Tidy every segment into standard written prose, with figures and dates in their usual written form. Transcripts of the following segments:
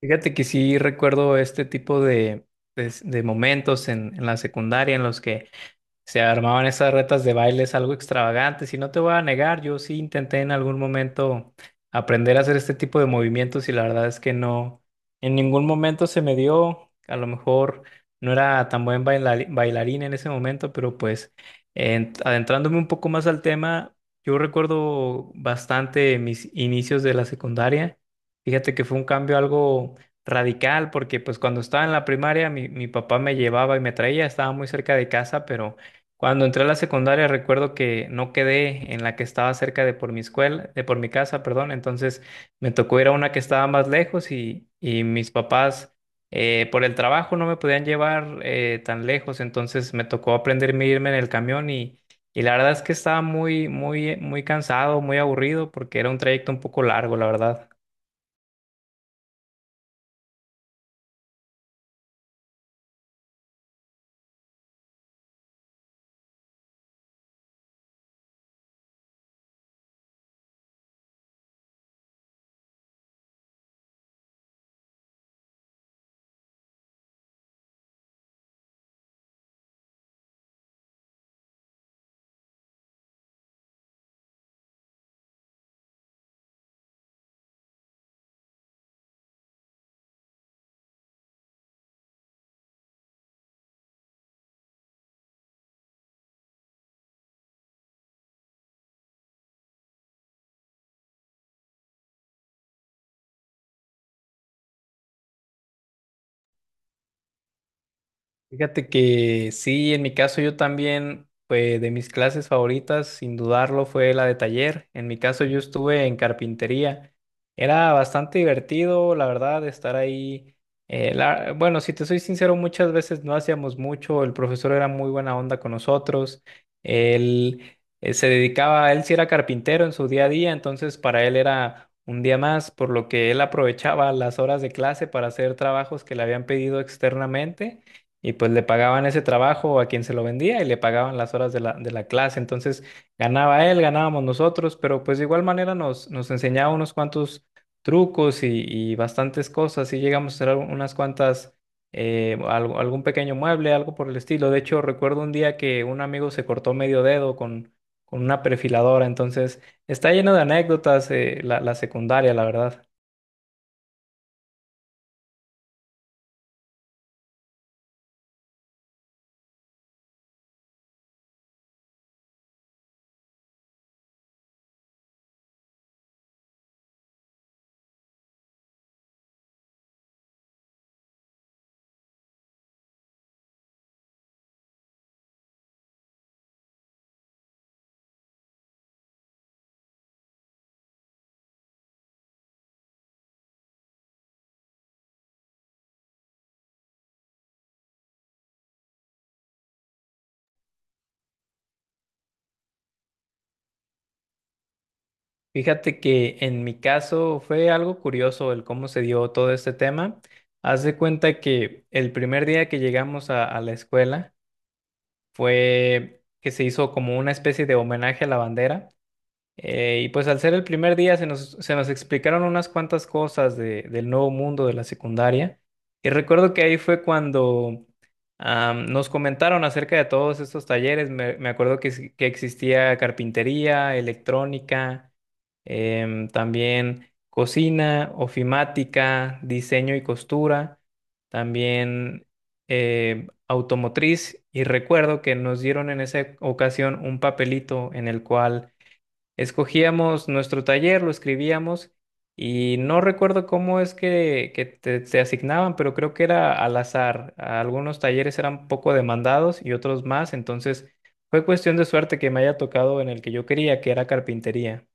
Fíjate que sí recuerdo este tipo de momentos en la secundaria en los que se armaban esas retas de bailes algo extravagantes y no te voy a negar, yo sí intenté en algún momento aprender a hacer este tipo de movimientos y la verdad es que no, en ningún momento se me dio, a lo mejor no era tan bailarín en ese momento, pero pues adentrándome un poco más al tema, yo recuerdo bastante mis inicios de la secundaria. Fíjate que fue un cambio algo radical porque pues cuando estaba en la primaria mi papá me llevaba y me traía, estaba muy cerca de casa, pero cuando entré a la secundaria recuerdo que no quedé en la que estaba cerca de por mi escuela, de por mi casa, perdón. Entonces me tocó ir a una que estaba más lejos y mis papás, por el trabajo no me podían llevar tan lejos, entonces me tocó aprenderme a irme en el camión, y la verdad es que estaba muy, muy, muy cansado, muy aburrido porque era un trayecto un poco largo, la verdad. Fíjate que sí, en mi caso yo también, pues de mis clases favoritas, sin dudarlo, fue la de taller. En mi caso yo estuve en carpintería. Era bastante divertido, la verdad, estar ahí. Bueno, si te soy sincero, muchas veces no hacíamos mucho. El profesor era muy buena onda con nosotros. Él se dedicaba, él sí era carpintero en su día a día, entonces para él era un día más, por lo que él aprovechaba las horas de clase para hacer trabajos que le habían pedido externamente. Y pues le pagaban ese trabajo a quien se lo vendía, y le pagaban las horas de la clase. Entonces ganaba él, ganábamos nosotros, pero pues de igual manera nos enseñaba unos cuantos trucos y bastantes cosas. Y llegamos a hacer unas cuantas, algún pequeño mueble, algo por el estilo. De hecho, recuerdo un día que un amigo se cortó medio dedo con una perfiladora. Entonces está lleno de anécdotas, la, la secundaria, la verdad. Fíjate que en mi caso fue algo curioso el cómo se dio todo este tema. Haz de cuenta que el primer día que llegamos a la escuela fue que se hizo como una especie de homenaje a la bandera. Y pues al ser el primer día se nos explicaron unas cuantas cosas del nuevo mundo de la secundaria. Y recuerdo que ahí fue cuando nos comentaron acerca de todos estos talleres. Me acuerdo que, que existía carpintería, electrónica, también cocina, ofimática, diseño y costura, también automotriz. Y recuerdo que nos dieron en esa ocasión un papelito en el cual escogíamos nuestro taller, lo escribíamos, y no recuerdo cómo es que, te asignaban, pero creo que era al azar. Algunos talleres eran poco demandados y otros más, entonces fue cuestión de suerte que me haya tocado en el que yo quería, que era carpintería.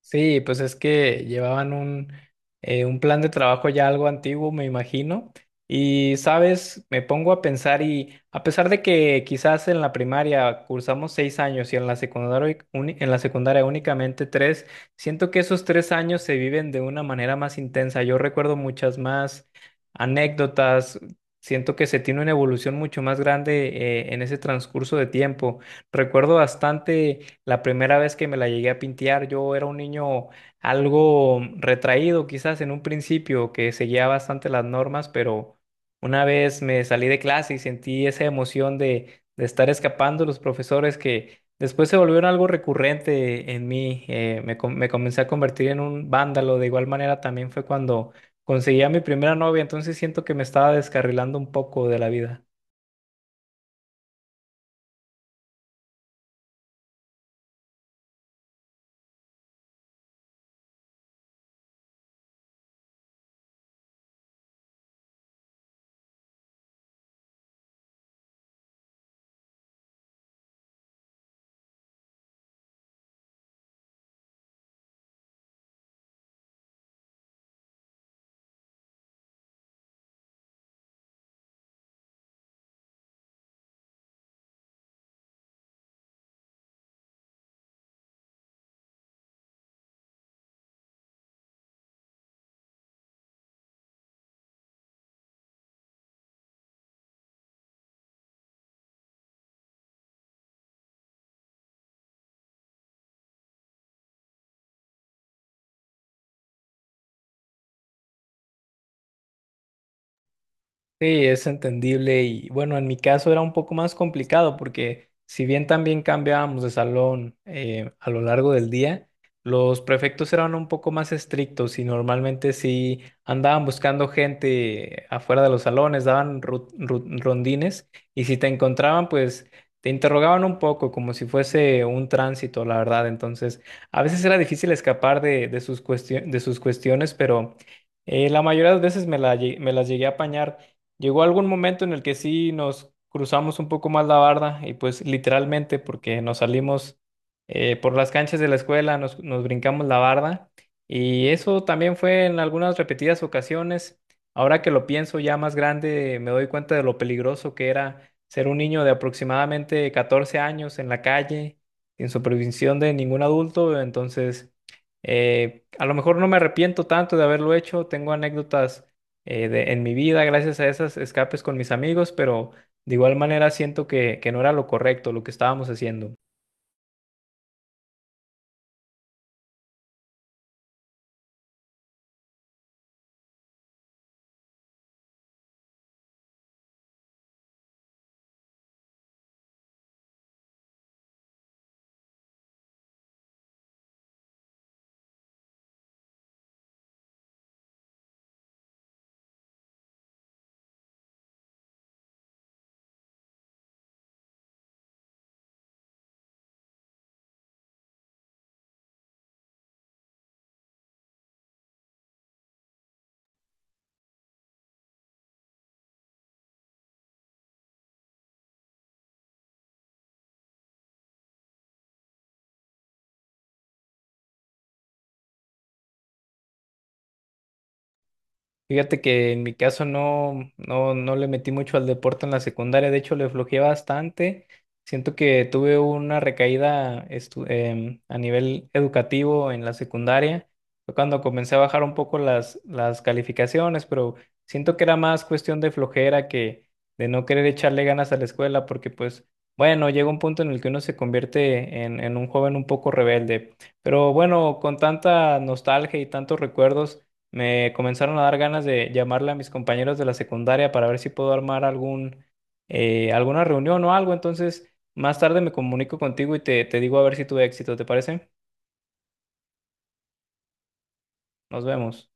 Sí, pues es que llevaban un plan de trabajo ya algo antiguo, me imagino. Y, sabes, me pongo a pensar, y a pesar de que quizás en la primaria cursamos 6 años y en la secundaria, en la secundaria únicamente tres, siento que esos tres años se viven de una manera más intensa. Yo recuerdo muchas más anécdotas, siento que se tiene una evolución mucho más grande, en ese transcurso de tiempo. Recuerdo bastante la primera vez que me la llegué a pintear. Yo era un niño algo retraído, quizás en un principio, que seguía bastante las normas, pero una vez me salí de clase y sentí esa emoción de estar escapando de los profesores, que después se volvieron algo recurrente en mí. Me me comencé a convertir en un vándalo. De igual manera, también fue cuando conseguí a mi primera novia, entonces siento que me estaba descarrilando un poco de la vida. Sí, es entendible, y bueno, en mi caso era un poco más complicado, porque si bien también cambiábamos de salón a lo largo del día, los prefectos eran un poco más estrictos y normalmente sí andaban buscando gente afuera de los salones, daban rondines, y si te encontraban, pues te interrogaban un poco como si fuese un tránsito, la verdad. Entonces, a veces era difícil escapar de de sus cuestiones, pero la mayoría de las veces me las llegué a apañar. Llegó algún momento en el que sí nos cruzamos un poco más la barda, y pues literalmente, porque nos salimos por las canchas de la escuela, nos brincamos la barda, y eso también fue en algunas repetidas ocasiones. Ahora que lo pienso ya más grande, me doy cuenta de lo peligroso que era ser un niño de aproximadamente 14 años en la calle, sin supervisión de ningún adulto. Entonces, a lo mejor no me arrepiento tanto de haberlo hecho, tengo anécdotas en mi vida gracias a esas escapes con mis amigos, pero de igual manera siento que no era lo correcto lo que estábamos haciendo. Fíjate que en mi caso no, no, no le metí mucho al deporte en la secundaria, de hecho le flojeé bastante. Siento que tuve una recaída a nivel educativo en la secundaria. Fue cuando comencé a bajar un poco las calificaciones, pero siento que era más cuestión de flojera que de no querer echarle ganas a la escuela, porque pues bueno, llega un punto en el que uno se convierte en un joven un poco rebelde. Pero bueno, con tanta nostalgia y tantos recuerdos, me comenzaron a dar ganas de llamarle a mis compañeros de la secundaria para ver si puedo armar alguna reunión o algo. Entonces, más tarde me comunico contigo y te digo a ver si tuve éxito, ¿te parece? Nos vemos.